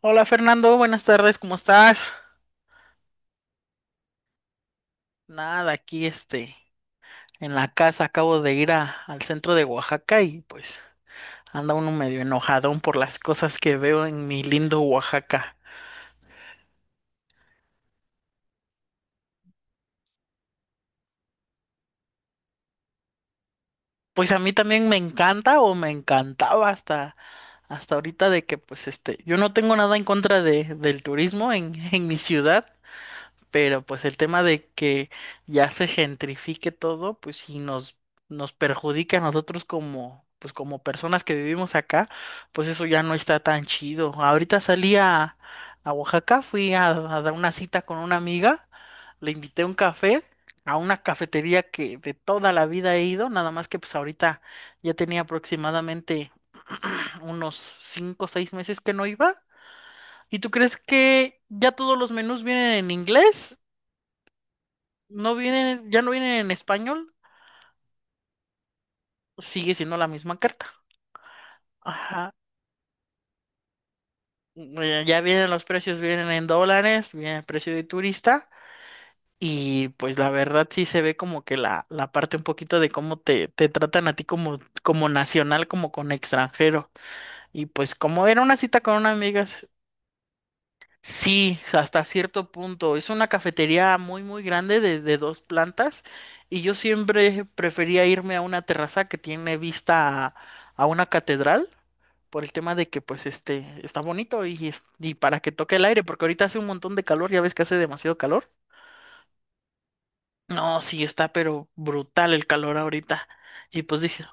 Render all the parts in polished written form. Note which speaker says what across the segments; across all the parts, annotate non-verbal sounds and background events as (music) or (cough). Speaker 1: Hola Fernando, buenas tardes, ¿cómo estás? Nada, aquí en la casa acabo de al centro de Oaxaca y pues anda uno medio enojadón por las cosas que veo en mi lindo Oaxaca. Pues a mí también me encanta o me encantaba hasta ahorita de que pues yo no tengo nada en contra del turismo en, (laughs) en mi ciudad, pero pues el tema de que ya se gentrifique todo, pues sí nos perjudica a nosotros como, pues como personas que vivimos acá, pues eso ya no está tan chido. Ahorita a Oaxaca, fui a dar una cita con una amiga, le invité un café a una cafetería que de toda la vida he ido, nada más que pues ahorita ya tenía aproximadamente (clears throat) unos 5 o 6 meses que no iba. ¿Y tú crees que ya todos los menús vienen en inglés? No vienen, ya no vienen en español, sigue siendo la misma carta. Ajá. Ya vienen los precios, vienen en dólares, viene el precio de turista. Y pues la verdad sí se ve como que la parte un poquito de cómo te tratan a ti como, como nacional, como con extranjero. Y pues como era una cita con una amiga, sí, hasta cierto punto. Es una cafetería muy, muy grande de dos plantas. Y yo siempre prefería irme a una terraza que tiene vista a una catedral por el tema de que pues está bonito y y para que toque el aire, porque ahorita hace un montón de calor, ya ves que hace demasiado calor. No, sí está, pero brutal el calor ahorita. Y pues dije,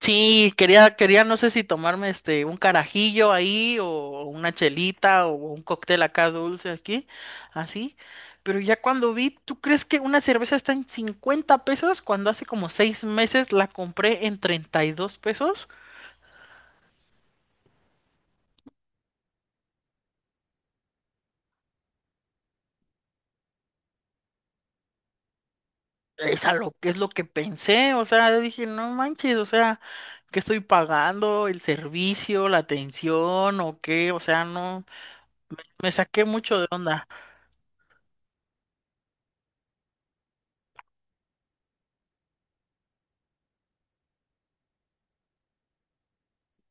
Speaker 1: sí, quería, no sé si tomarme un carajillo ahí o una chelita o un cóctel acá dulce aquí, así. Pero ya cuando vi, ¿tú crees que una cerveza está en 50 pesos cuando hace como 6 meses la compré en 32 pesos? Es a lo que es lo que pensé, o sea, yo dije, no manches, o sea, ¿qué estoy pagando? ¿El servicio, la atención o qué? O sea, no, me saqué mucho de onda.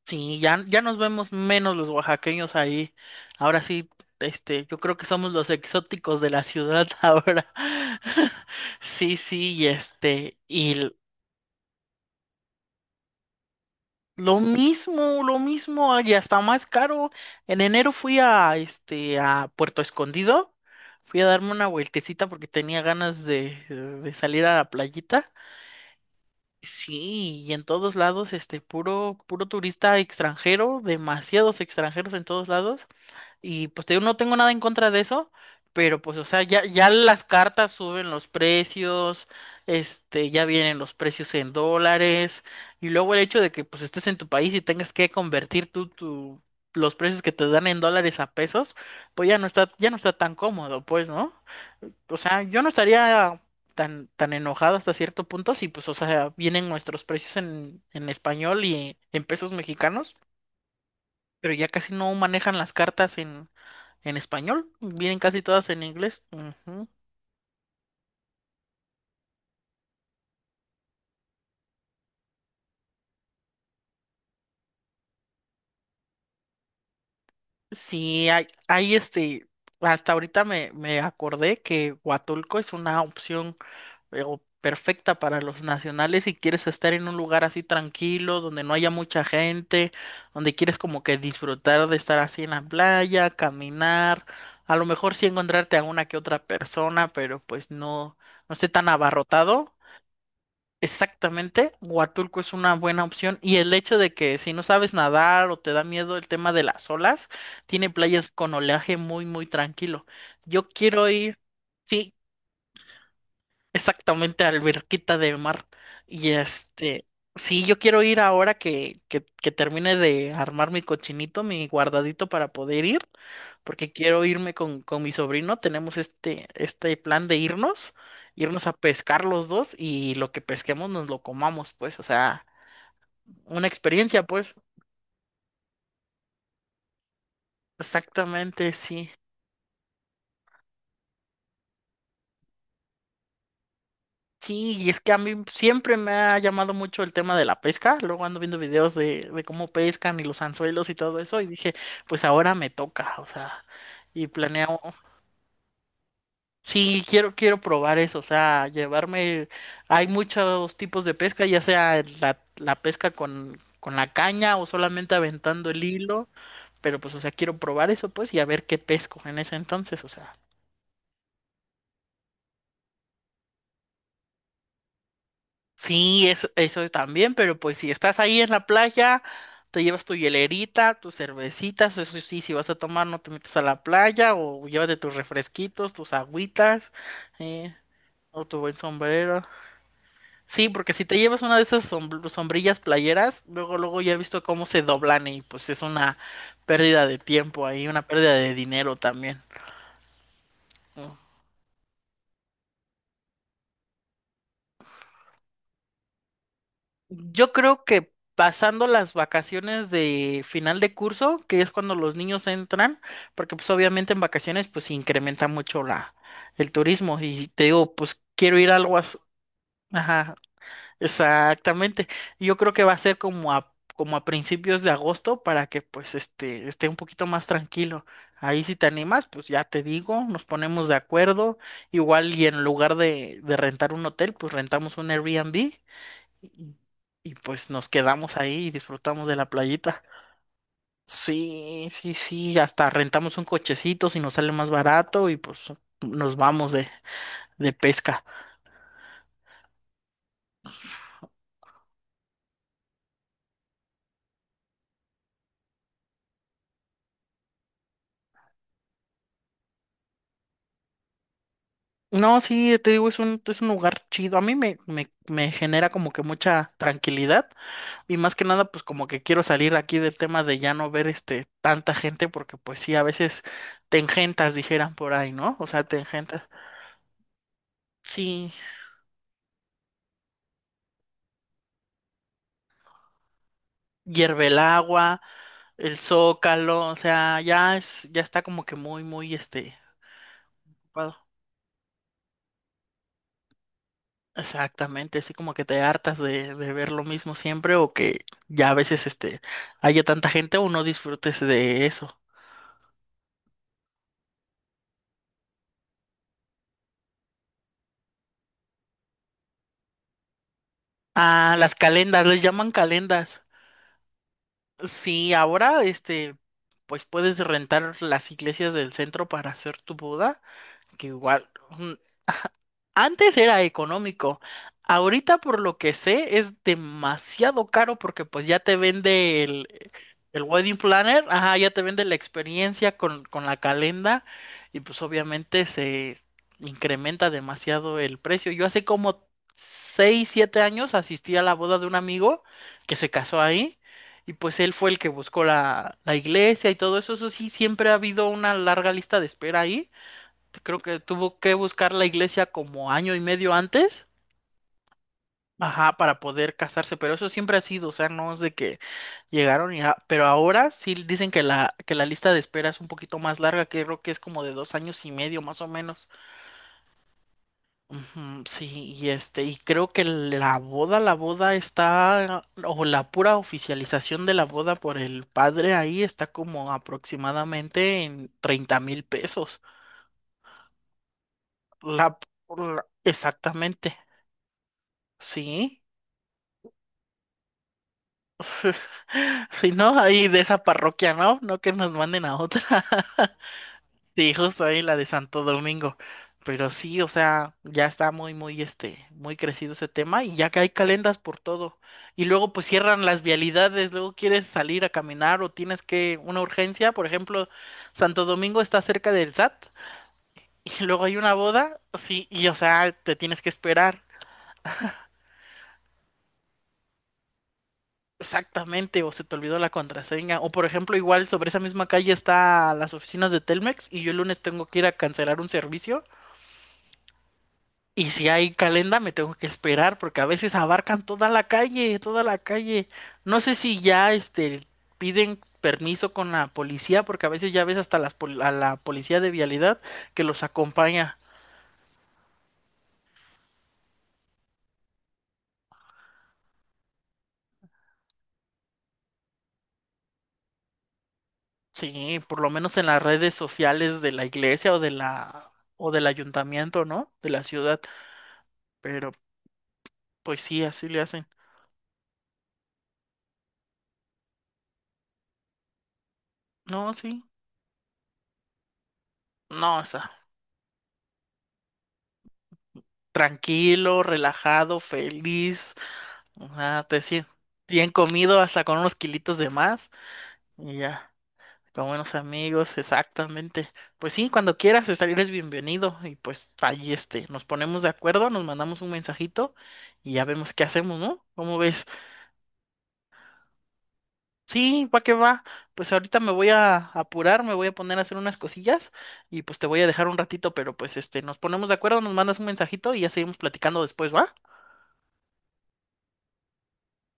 Speaker 1: Sí, ya nos vemos menos los oaxaqueños ahí. Ahora sí, yo creo que somos los exóticos de la ciudad (laughs) ahora. (laughs) Sí, sí, y lo mismo, lo mismo, y hasta más caro. En enero fui a a Puerto Escondido, fui a darme una vueltecita porque tenía ganas de salir a la playita. Sí, y en todos lados, puro, puro turista extranjero, demasiados extranjeros en todos lados. Y pues te digo, no tengo nada en contra de eso, pero pues, o sea, ya las cartas suben los precios, ya vienen los precios en dólares, y luego el hecho de que pues estés en tu país y tengas que convertir los precios que te dan en dólares a pesos, pues ya no está tan cómodo, pues, ¿no? O sea, yo no estaría tan enojado hasta cierto punto si pues, o sea, vienen nuestros precios en español y en pesos mexicanos, pero ya casi no manejan las cartas en español, vienen casi todas en inglés. Ujú. Sí, hay hasta ahorita me acordé que Huatulco es una opción o perfecta para los nacionales si quieres estar en un lugar así tranquilo, donde no haya mucha gente, donde quieres como que disfrutar de estar así en la playa, caminar, a lo mejor sí encontrarte a una que otra persona, pero pues no, no esté tan abarrotado. Exactamente, Huatulco es una buena opción y el hecho de que si no sabes nadar o te da miedo el tema de las olas, tiene playas con oleaje muy, muy tranquilo. Yo quiero ir, sí, exactamente, alberquita de mar. Y este, sí, yo quiero ir ahora que termine de armar mi cochinito, mi guardadito para poder ir, porque quiero irme con mi sobrino. Tenemos este plan de irnos a pescar los dos y lo que pesquemos nos lo comamos, pues, o sea, una experiencia, pues. Exactamente, sí. Sí, y es que a mí siempre me ha llamado mucho el tema de la pesca. Luego ando viendo videos de cómo pescan y los anzuelos y todo eso. Y dije, pues ahora me toca, o sea, y planeo. Sí, quiero probar eso, o sea, llevarme. Hay muchos tipos de pesca, ya sea la pesca con la caña o solamente aventando el hilo. Pero pues, o sea, quiero probar eso, pues, y a ver qué pesco en ese entonces, o sea. Sí, es, eso también, pero pues si estás ahí en la playa, te llevas tu hielerita, tus cervecitas, eso sí, si vas a tomar no te metes a la playa o llévate tus refresquitos, tus agüitas, eh, o tu buen sombrero. Sí, porque si te llevas una de esas sombrillas playeras, luego, luego ya he visto cómo se doblan y pues es una pérdida de tiempo ahí, una pérdida de dinero también. Yo creo que pasando las vacaciones de final de curso, que es cuando los niños entran, porque pues obviamente en vacaciones pues incrementa mucho la el turismo y te digo, pues quiero ir a algo así. Ajá, exactamente. Yo creo que va a ser como a principios de agosto para que pues esté un poquito más tranquilo. Ahí si te animas, pues ya te digo, nos ponemos de acuerdo. Igual y en lugar de rentar un hotel, pues rentamos un Airbnb y, y pues nos quedamos ahí y disfrutamos de la playita. Sí, sí, sí, hasta rentamos un cochecito si nos sale más barato y pues nos vamos de pesca. No, sí, te digo, es es un lugar chido. A mí me genera como que mucha tranquilidad y más que nada pues como que quiero salir aquí del tema de ya no ver tanta gente porque pues sí, a veces te engentas, dijeran por ahí, ¿no? O sea, te engentas. Sí, hierve el agua. El Zócalo, o sea, ya es, ya está como que muy, muy, ocupado. Exactamente, así como que te hartas de ver lo mismo siempre o que ya a veces, haya tanta gente o no disfrutes de eso. Ah, las calendas, les llaman calendas. Sí, ahora, pues puedes rentar las iglesias del centro para hacer tu boda. Que igual (laughs) antes era económico, ahorita por lo que sé es demasiado caro porque pues ya te vende el wedding planner, ajá, ya te vende la experiencia con la calenda y pues obviamente se incrementa demasiado el precio. Yo hace como 6 7 años asistí a la boda de un amigo que se casó ahí y pues él fue el que buscó la iglesia y todo eso. Eso sí, siempre ha habido una larga lista de espera ahí, creo que tuvo que buscar la iglesia como año y medio antes, ajá, para poder casarse, pero eso siempre ha sido, o sea, no es de que llegaron y, ah, pero ahora sí dicen que que la lista de espera es un poquito más larga, que creo que es como de 2 años y medio más o menos. Ujú, sí, creo que la boda está, o la pura oficialización de la boda por el padre ahí está como aproximadamente en 30,000 pesos. La, exactamente, sí. (laughs) Si no, ahí de esa parroquia, ¿no? No que nos manden a otra. (laughs) Sí, justo ahí la de Santo Domingo. Pero sí, o sea, ya está muy, muy, muy crecido ese tema y ya que hay calendas por todo. Y luego pues cierran las vialidades, luego quieres salir a caminar o tienes que una urgencia, por ejemplo, Santo Domingo está cerca del SAT y luego hay una boda, sí, y o sea, te tienes que esperar. Exactamente, o se te olvidó la contraseña. O por ejemplo, igual sobre esa misma calle está las oficinas de Telmex y yo el lunes tengo que ir a cancelar un servicio. Y si hay calenda, me tengo que esperar porque a veces abarcan toda la calle, toda la calle. No sé si ya piden permiso con la policía porque a veces ya ves hasta las a la policía de vialidad que los acompaña. Sí, por lo menos en las redes sociales de la iglesia o de la o del ayuntamiento, ¿no? De la ciudad. Pero pues sí, así le hacen. No, sí. No, está tranquilo, relajado, feliz. O sea, te sientes bien comido, hasta con unos kilitos de más. Y ya, con buenos amigos, exactamente. Pues sí, cuando quieras estar, eres bienvenido. Y pues ahí nos ponemos de acuerdo, nos mandamos un mensajito y ya vemos qué hacemos, ¿no? ¿Cómo ves? Sí, va que va. Pues ahorita me voy a apurar, me voy a poner a hacer unas cosillas y pues te voy a dejar un ratito, pero pues nos ponemos de acuerdo, nos mandas un mensajito y ya seguimos platicando después, ¿va?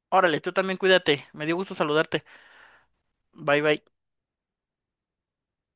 Speaker 1: Órale, tú también cuídate. Me dio gusto saludarte. Bye bye.